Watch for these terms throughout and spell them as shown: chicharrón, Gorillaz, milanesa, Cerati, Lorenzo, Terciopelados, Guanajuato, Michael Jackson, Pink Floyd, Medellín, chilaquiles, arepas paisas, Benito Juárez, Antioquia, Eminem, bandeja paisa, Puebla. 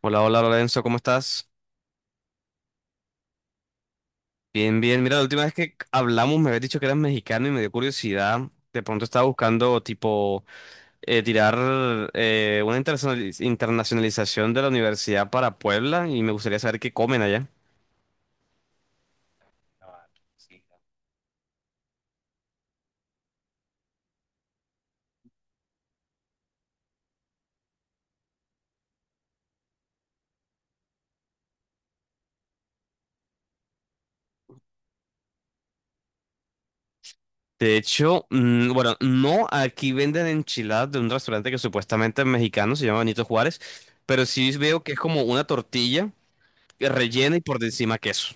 Hola, hola Lorenzo, ¿cómo estás? Bien, bien. Mira, la última vez que hablamos me habías dicho que eras mexicano y me dio curiosidad. De pronto estaba buscando, tipo, tirar una internacionalización de la universidad para Puebla y me gustaría saber qué comen allá. De hecho, bueno, no, aquí venden enchiladas de un restaurante que supuestamente es mexicano, se llama Benito Juárez, pero sí veo que es como una tortilla rellena y por encima queso.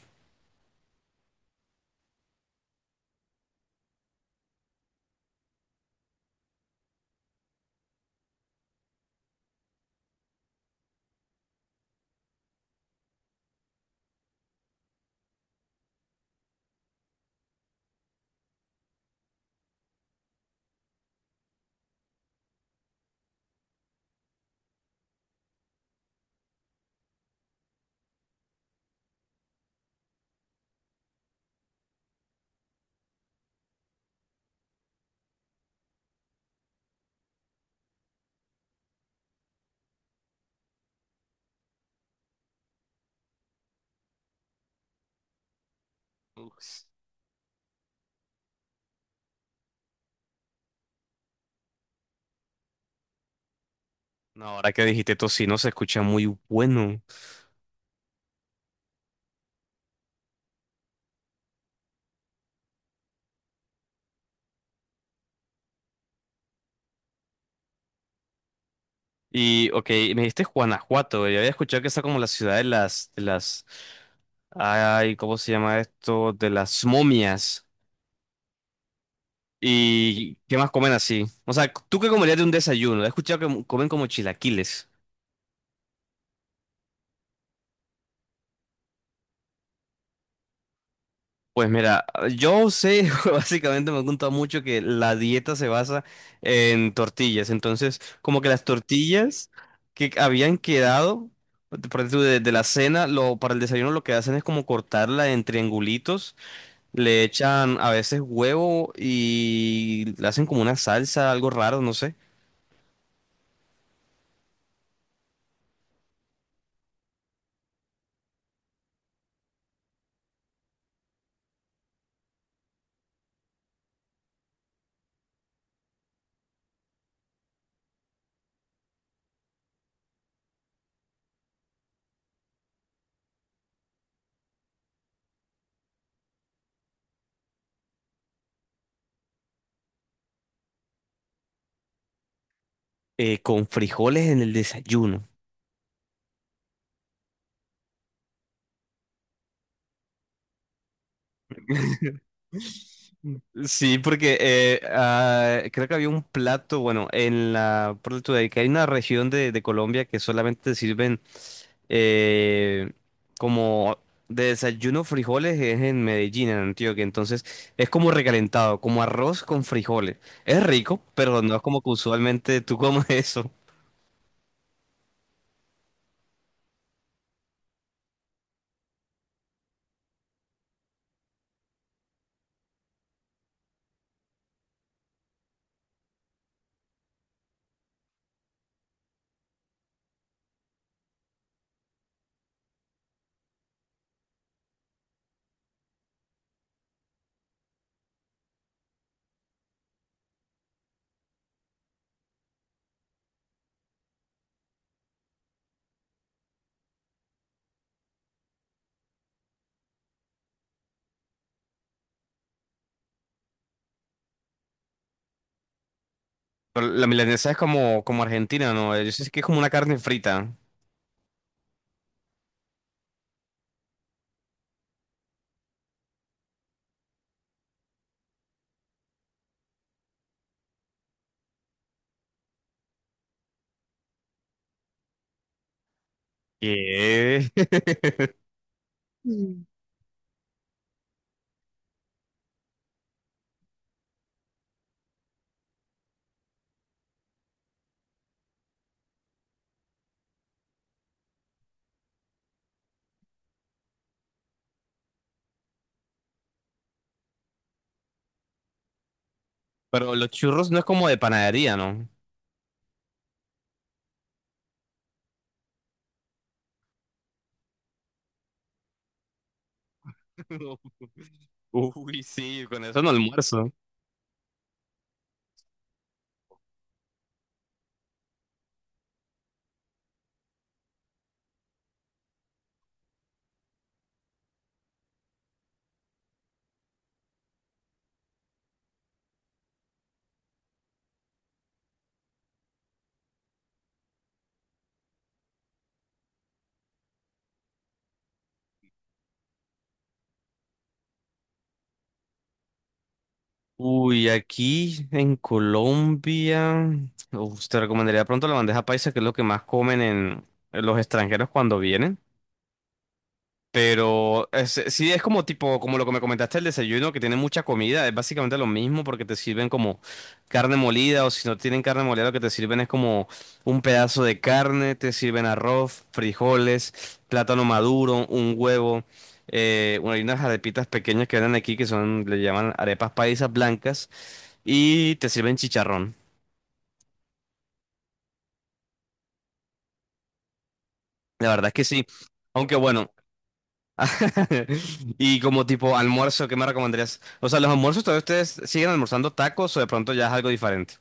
Uf. No, ahora que dijiste tocino se escucha muy bueno. Y, ok, me dijiste Guanajuato, yo había escuchado que está como la ciudad de las, ay, ¿cómo se llama esto? De las momias. ¿Y qué más comen así? O sea, ¿tú qué comerías de un desayuno? He escuchado que comen como chilaquiles. Pues mira, yo sé, básicamente me han contado mucho que la dieta se basa en tortillas. Entonces, como que las tortillas que habían quedado, por ejemplo, de la cena, lo, para el desayuno lo que hacen es como cortarla en triangulitos. Le echan a veces huevo y le hacen como una salsa, algo raro, no sé, con frijoles en el desayuno. Sí, porque creo que había un plato, bueno, en la, que hay una región de, Colombia que solamente sirven eh, como de desayuno frijoles, es en Medellín, en Antioquia, entonces es como recalentado, como arroz con frijoles. Es rico, pero no es como que usualmente tú comes eso. Pero la milanesa es como, como argentina, ¿no? Yo sí sé que es como una carne frita. ¿Qué? Mm. Pero los churros no es como de panadería, ¿no? No. Uy, sí, con eso no almuerzo. Uy, aquí en Colombia, uf, te recomendaría pronto la bandeja paisa, que es lo que más comen en los extranjeros cuando vienen. Sí es como tipo, como lo que me comentaste, el desayuno, que tiene mucha comida, es básicamente lo mismo porque te sirven como carne molida, o si no tienen carne molida lo que te sirven es como un pedazo de carne, te sirven arroz, frijoles, plátano maduro, un huevo, bueno, hay unas arepitas pequeñas que venden aquí que son, le llaman arepas paisas blancas y te sirven chicharrón. La verdad es que sí, aunque bueno. Y como tipo almuerzo, ¿qué me recomendarías? O sea, los almuerzos todavía ustedes siguen almorzando tacos, o de pronto ya es algo diferente.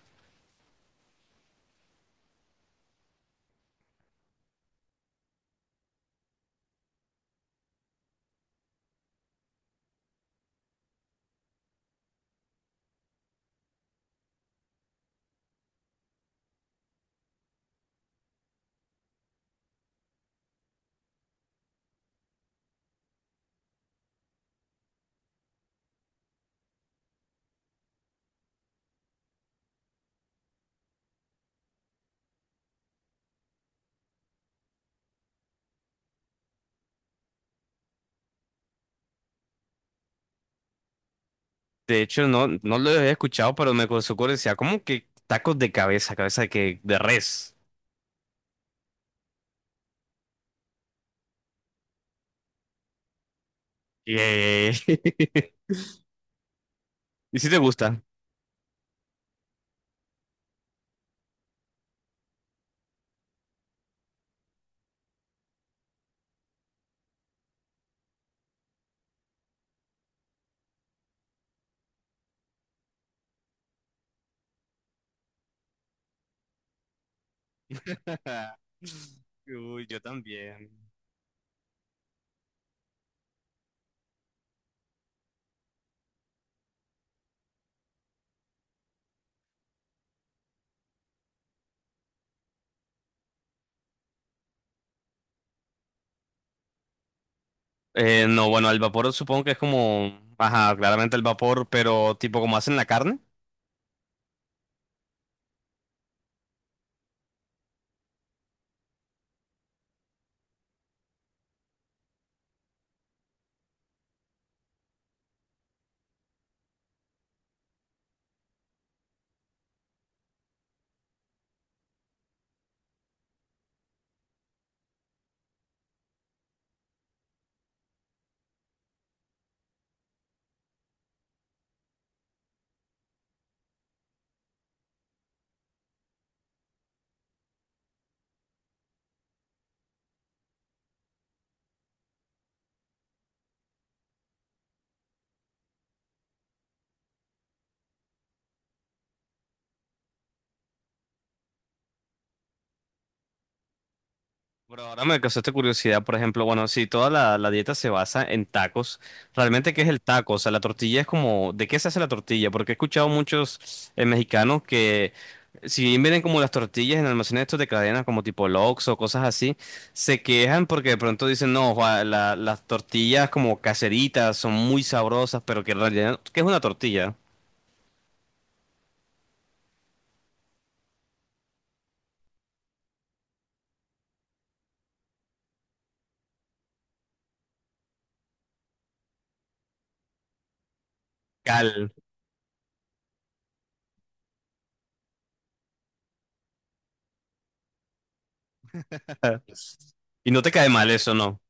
De hecho, no, no lo había escuchado, pero me ocurrió ocurre, decía, ¿cómo que tacos de cabeza, cabeza de que de res? Y, ¿Y si te gusta? Uy, yo también. No, bueno, el vapor supongo que es como, ajá, claramente el vapor, pero tipo como hacen la carne. Pero ahora me causaste curiosidad, por ejemplo, bueno, si toda la dieta se basa en tacos, ¿realmente qué es el taco? O sea, la tortilla es como, ¿de qué se hace la tortilla? Porque he escuchado muchos mexicanos que, si bien vienen como las tortillas en almacenes estos de cadenas, como tipo Lox o cosas así, se quejan porque de pronto dicen, no, Juan, las tortillas como caseritas son muy sabrosas, pero que en realidad, ¿qué es una tortilla? Cal. Y no te cae mal eso, ¿no?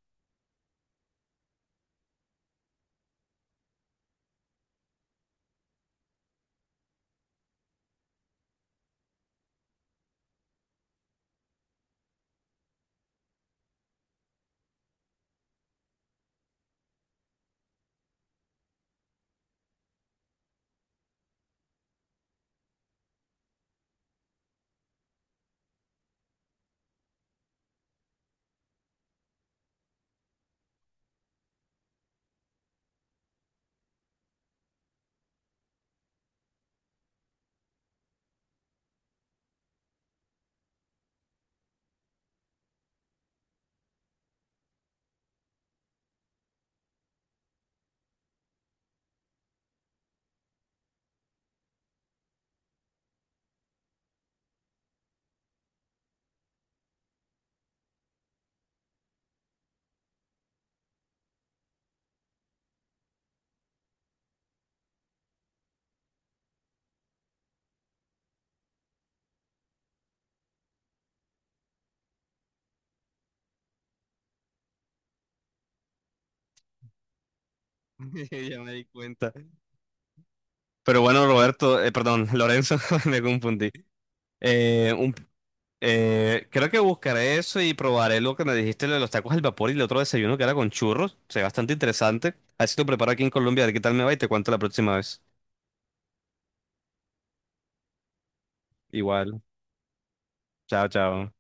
Ya me di cuenta. Pero bueno, Roberto, perdón, Lorenzo, me confundí. Eh, un- Creo que buscaré eso y probaré lo que me dijiste, lo de los tacos al vapor y el otro desayuno que era con churros. Se ve bastante interesante. Así lo preparo aquí en Colombia, a ver qué tal me va y te cuento la próxima vez. Igual. Chao, chao.